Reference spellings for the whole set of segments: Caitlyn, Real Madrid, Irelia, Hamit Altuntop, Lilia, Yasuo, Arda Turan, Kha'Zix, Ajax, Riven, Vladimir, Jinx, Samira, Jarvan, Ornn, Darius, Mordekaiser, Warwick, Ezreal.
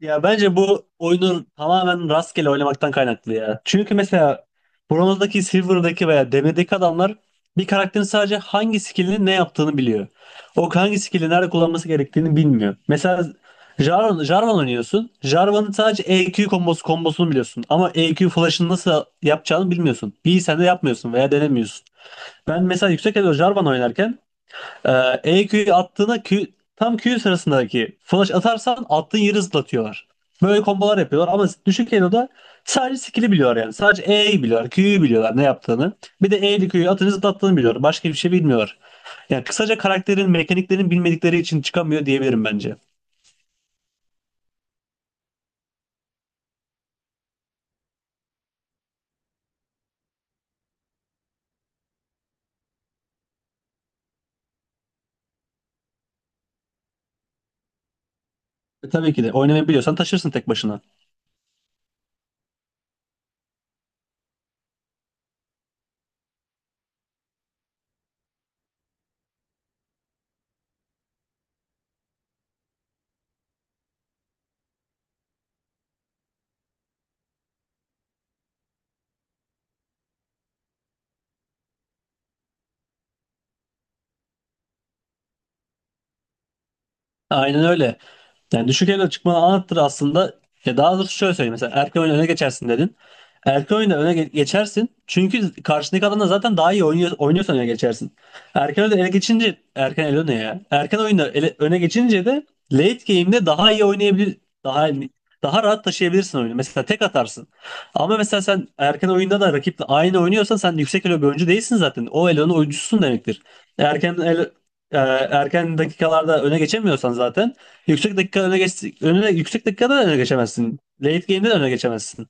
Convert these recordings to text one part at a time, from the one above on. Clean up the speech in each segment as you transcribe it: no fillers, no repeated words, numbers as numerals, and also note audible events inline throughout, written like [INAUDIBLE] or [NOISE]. Ya bence bu oyunu tamamen rastgele oynamaktan kaynaklı ya. Çünkü mesela bronzdaki, silver'daki veya demirdeki adamlar bir karakterin sadece hangi skillini ne yaptığını biliyor. O hangi skilli nerede kullanması gerektiğini bilmiyor. Mesela Jarvan, Jarvan oynuyorsun. Jarvan'ın sadece EQ kombosu, kombosunu biliyorsun. Ama EQ flash'ını nasıl yapacağını bilmiyorsun. İyi sen de yapmıyorsun veya denemiyorsun. Ben mesela yüksek elo Jarvan oynarken ee, E Q'yu attığına Q, tam Q sırasındaki flash atarsan attığın yeri zıplatıyorlar. Böyle kombolar yapıyorlar ama düşük Elo'da sadece skill'i biliyorlar yani. Sadece E'yi biliyorlar, Q'yu biliyorlar ne yaptığını. Bir de E'li Q'yu atınca zıplattığını biliyorlar. Başka bir şey bilmiyorlar. Yani kısaca karakterin, mekaniklerin bilmedikleri için çıkamıyor diyebilirim bence. E, tabii ki de oynamayı biliyorsan taşırsın tek başına. Aynen öyle. Yani düşük elo çıkmanı anlattır aslında. Ya daha doğrusu şöyle söyleyeyim. Mesela erken oyunda öne geçersin dedin. Erken oyunda öne geçersin. Çünkü karşındaki adamla zaten daha iyi oynuyor, oynuyorsan öne geçersin. Erken oyunda öne geçince erken elo ne ya? Erken oyunda öne geçince de late game'de daha iyi oynayabilir, daha daha rahat taşıyabilirsin oyunu. Mesela tek atarsın. Ama mesela sen erken oyunda da rakiple aynı oynuyorsan sen yüksek elo bir oyuncu değilsin zaten. O elonun oyuncususun demektir. Erken elo, e, erken dakikalarda öne geçemiyorsan zaten yüksek dakika öne geç önüne yüksek dakikada da öne geçemezsin. Late game'de de öne geçemezsin.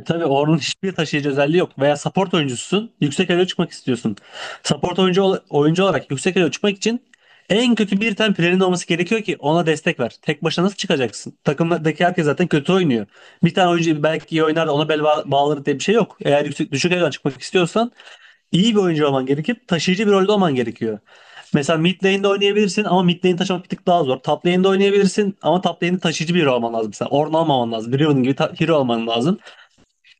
E, tabii Ornn'un hiçbir taşıyıcı özelliği yok veya support oyuncususun. Yüksek elo çıkmak istiyorsun. Support oyuncu oyuncu olarak yüksek elo çıkmak için en kötü bir tane player'in olması gerekiyor ki ona destek ver. Tek başına nasıl çıkacaksın? Takımdaki herkes zaten kötü oynuyor. Bir tane oyuncu belki iyi oynar da ona bel bağlar diye bir şey yok. Eğer yüksek düşük elo'dan çıkmak istiyorsan İyi bir oyuncu olman gerekip taşıyıcı bir rolde olman gerekiyor. Mesela mid lane'de oynayabilirsin ama mid lane taşımak bir tık daha zor. Top lane'de oynayabilirsin ama top lane'de taşıyıcı biri olman lazım. Mesela Ornn olmaman lazım. Riven gibi hero olman lazım.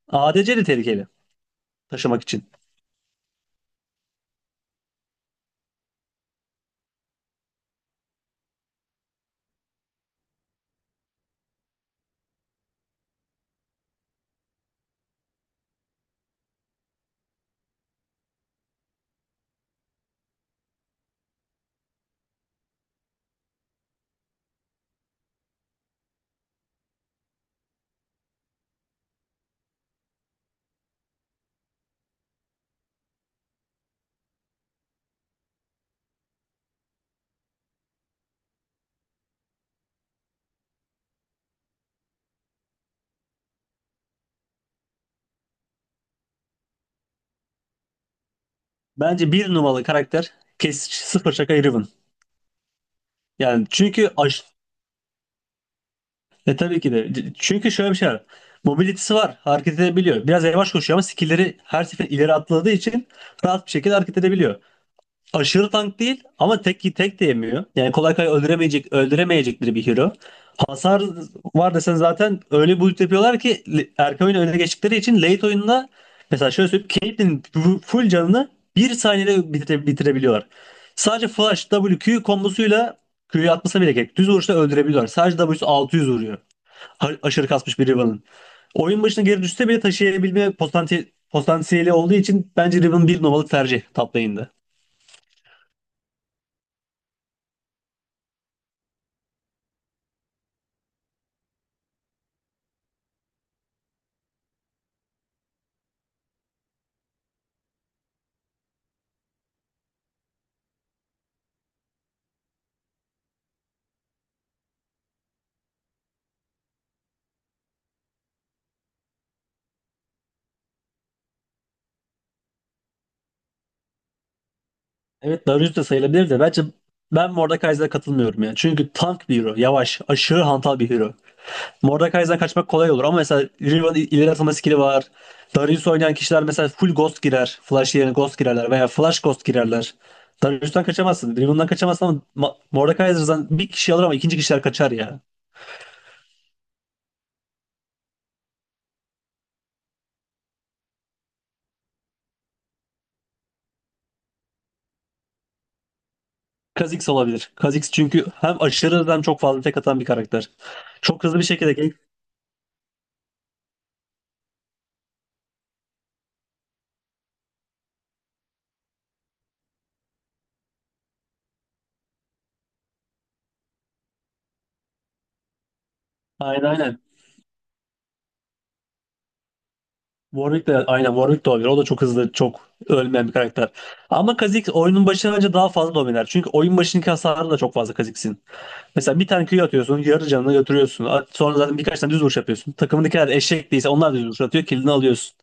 ADC de tehlikeli taşımak için. Bence bir numaralı karakter kes sıfır şaka Riven. Yani çünkü e tabii ki de. Çünkü şöyle bir şey var. Mobility'si var. Hareket edebiliyor. Biraz yavaş koşuyor ama skill'leri her sefer ileri atladığı için rahat bir şekilde hareket edebiliyor. Aşırı tank değil ama tek tek de yemiyor. Yani kolay kolay öldüremeyecek, öldüremeyecekleri bir hero. Hasar var desen zaten öyle bir build yapıyorlar ki le- erken oyun öne geçtikleri için late oyunda mesela şöyle söyleyeyim Caitlyn'in full canını bir saniyede bitirebiliyorlar. Sadece flash w q kombosuyla Q'yu atmasa bile gerek. Düz vuruşla öldürebiliyorlar. Sadece W'su 600 vuruyor. Aşırı kasmış bir Riven'ın. Oyun başına geri düşse bile taşıyabilme potansiyeli olduğu için bence Riven bir numaralı tercih top lane'de. Evet Darius da sayılabilir de bence ben Mordekaiser'a katılmıyorum ya. Çünkü tank bir hero. Yavaş, aşırı hantal bir hero. Mordekaiser'dan kaçmak kolay olur ama mesela Riven ileri atılma skill'i var. Darius oynayan kişiler mesela full ghost girer. Flash yerine ghost girerler veya flash ghost girerler. Darius'tan kaçamazsın. Riven'dan kaçamazsın ama Mordekaiser'dan bir kişi alır ama ikinci kişiler kaçar ya. Kha'Zix olabilir. Kha'Zix çünkü hem aşırı hem çok fazla tek atan bir karakter. Çok hızlı bir şekilde gank. Aynen aynen. Warwick de aynen Warwick de olabilir. O da çok hızlı, çok ölmeyen bir karakter. Ama Kha'Zix oyunun başına önce daha fazla dominer. Çünkü oyun başındaki hasarı da çok fazla Kha'Zix'in. Mesela bir tane Q atıyorsun, yarı canını götürüyorsun. Sonra zaten birkaç tane düz vuruş yapıyorsun. Takımındakiler eşek değilse onlar da düz vuruş atıyor, killini alıyorsun.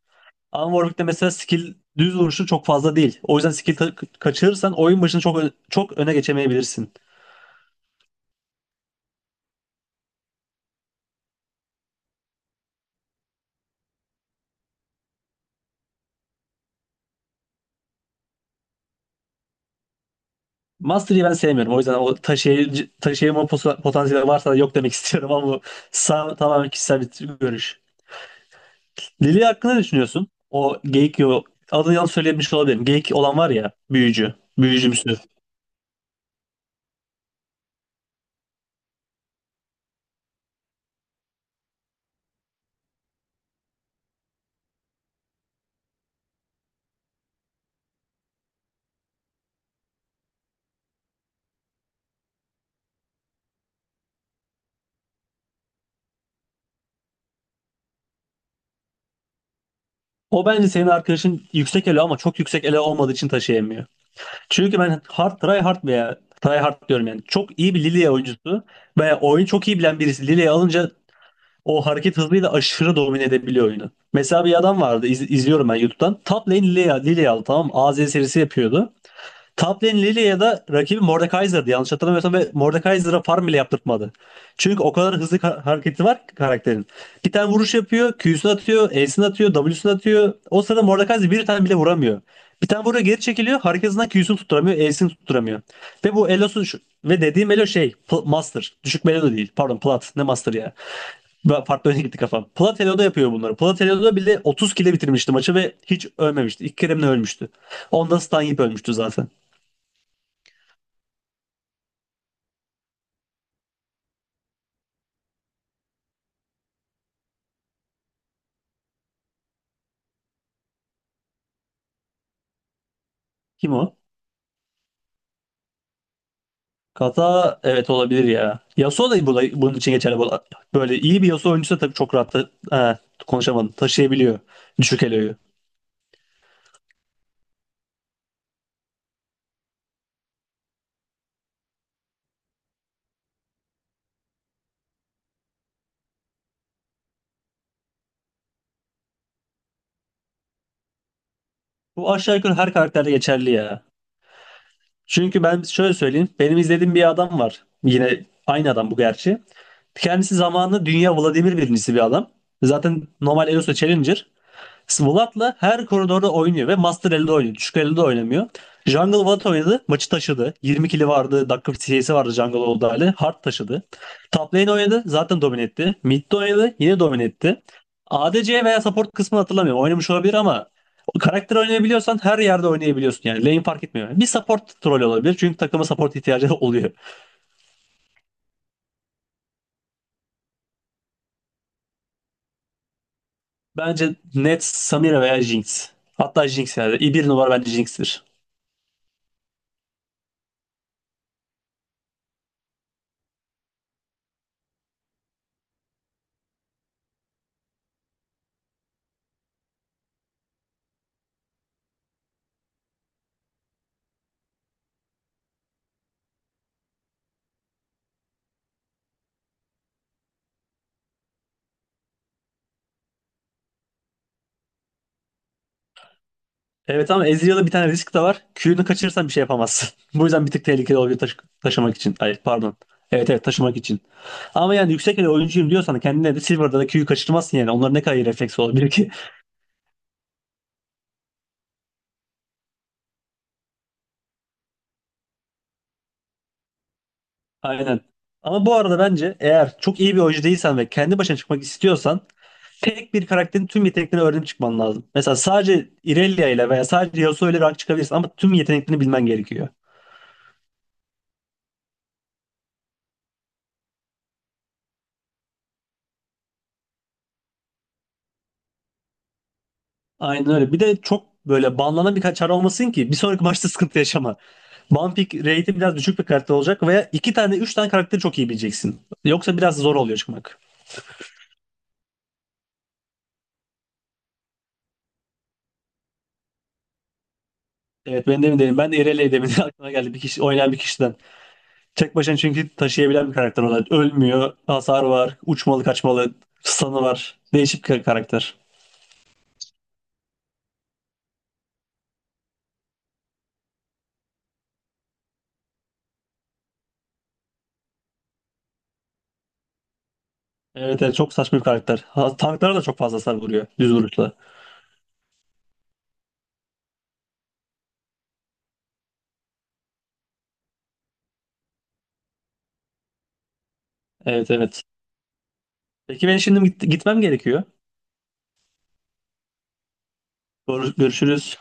Ama Warwick'te mesela skill düz vuruşu çok fazla değil. O yüzden skill kaçırırsan oyun başını çok öne geçemeyebilirsin. Mastery'i ben sevmiyorum. O yüzden o taşıyıcı, taşıyıcı potansiyeli varsa da yok demek [LAUGHS] istiyorum ama bu tamamen kişisel bir görüş. Lili hakkında ne düşünüyorsun? O geyik yo adını yanlış söylemiş olabilirim. Geyik olan var ya büyücü. Büyücümsü. O bence senin arkadaşın yüksek elo ama çok yüksek elo olmadığı için taşıyamıyor. Çünkü ben hard try hard veya try hard diyorum yani. Çok iyi bir Lilia oyuncusu veya oyunu çok iyi bilen birisi Lilia'yı alınca o hareket hızıyla aşırı domine edebiliyor oyunu. Mesela bir adam vardı izliyorum ben YouTube'dan. Top lane Lilia, Lilia aldı tamam mı? AZ serisi yapıyordu. Top lane Lilia'da rakibi Mordekaiser'dı yanlış hatırlamıyorsam ve Mordekaiser'a farm bile yaptırtmadı. Çünkü o kadar hızlı hareketi var ki karakterin. Bir tane vuruş yapıyor, Q'sunu atıyor, E'sini atıyor, W'sunu atıyor. O sırada Mordekaiser bir tane bile vuramıyor. Bir tane vuruyor geri çekiliyor, hareketinden Q'sunu tutturamıyor, E'sini tutturamıyor. Ve bu Elo'su ve dediğim Elo şey, Master. Düşük bir Elo değil, pardon Plat, ne Master ya. Ben farklı öne gitti kafam. Platelo'da yapıyor bunları. Plat Platelo'da bile 30 kile bitirmişti maçı ve hiç ölmemişti. İlk kere mi ne ölmüştü? Onda stun yiyip ölmüştü zaten. Kim o? Kaza evet olabilir ya. Yasuo da burada, bunun için geçerli. Bu- Böyle iyi bir Yasuo oyuncusu da tabii çok rahat ha, konuşamadım. Taşıyabiliyor düşük eloyu. Bu aşağı yukarı her karakterde geçerli ya. Çünkü ben şöyle söyleyeyim. Benim izlediğim bir adam var. Yine aynı adam bu gerçi. Kendisi zamanında dünya Vladimir birincisi bir adam. Zaten normal Elosu Challenger. Svolat'la her koridorda oynuyor ve Master elde oynuyor. Düşük elde de oynamıyor. Jungle Watt oynadı. Maçı taşıdı. 20 kili vardı. Dakika CS'i vardı Jungle olduğu hali. Hard taşıdı. Top lane oynadı. Zaten domine etti. Mid oynadı. Yine domine etti. ADC veya support kısmını hatırlamıyorum. Oynamış olabilir ama karakter oynayabiliyorsan her yerde oynayabiliyorsun. Yani lane fark etmiyor. Bir support troll olabilir. Çünkü takıma support ihtiyacı [LAUGHS] oluyor. Bence net Samira veya Jinx. Hatta Jinx yani. Bir numara bence Jinx'tir. Evet ama Ezreal'da bir tane risk de var. Q'nu kaçırırsan bir şey yapamazsın. [LAUGHS] Bu yüzden bir tık tehlikeli oluyor taşımak için. Hayır pardon. Evet evet taşımak için. Ama yani yüksek ele oyuncuyum diyorsan kendine de Silver'da da Q'yu kaçırmazsın yani. Onların ne kadar iyi refleks olabilir ki? [LAUGHS] Aynen. Ama bu arada bence eğer çok iyi bir oyuncu değilsen ve kendi başına çıkmak istiyorsan tek bir karakterin tüm yeteneklerini öğrenip çıkman lazım. Mesela sadece Irelia ile veya sadece Yasuo ile rank çıkabilirsin ama tüm yeteneklerini bilmen gerekiyor. Aynen öyle. Bir de çok böyle banlanan bir kaçar olmasın ki bir sonraki maçta sıkıntı yaşama. Ban pick rate'i biraz düşük bir karakter olacak veya iki tane üç tane karakteri çok iyi bileceksin. Yoksa biraz zor oluyor çıkmak. Evet ben demin dedim. Ben de Irelia demin [LAUGHS] aklıma geldi bir kişi oynayan bir kişiden. Tek başına çünkü taşıyabilen bir karakter olarak. Ölmüyor, hasar var, uçmalı kaçmalı, stun'ı var. Değişik bir karakter. Evet evet çok saçma bir karakter. Ha, tanklara da çok fazla hasar vuruyor düz vuruşla. Evet evet. Peki ben şimdi gitmem gerekiyor. Görüşürüz.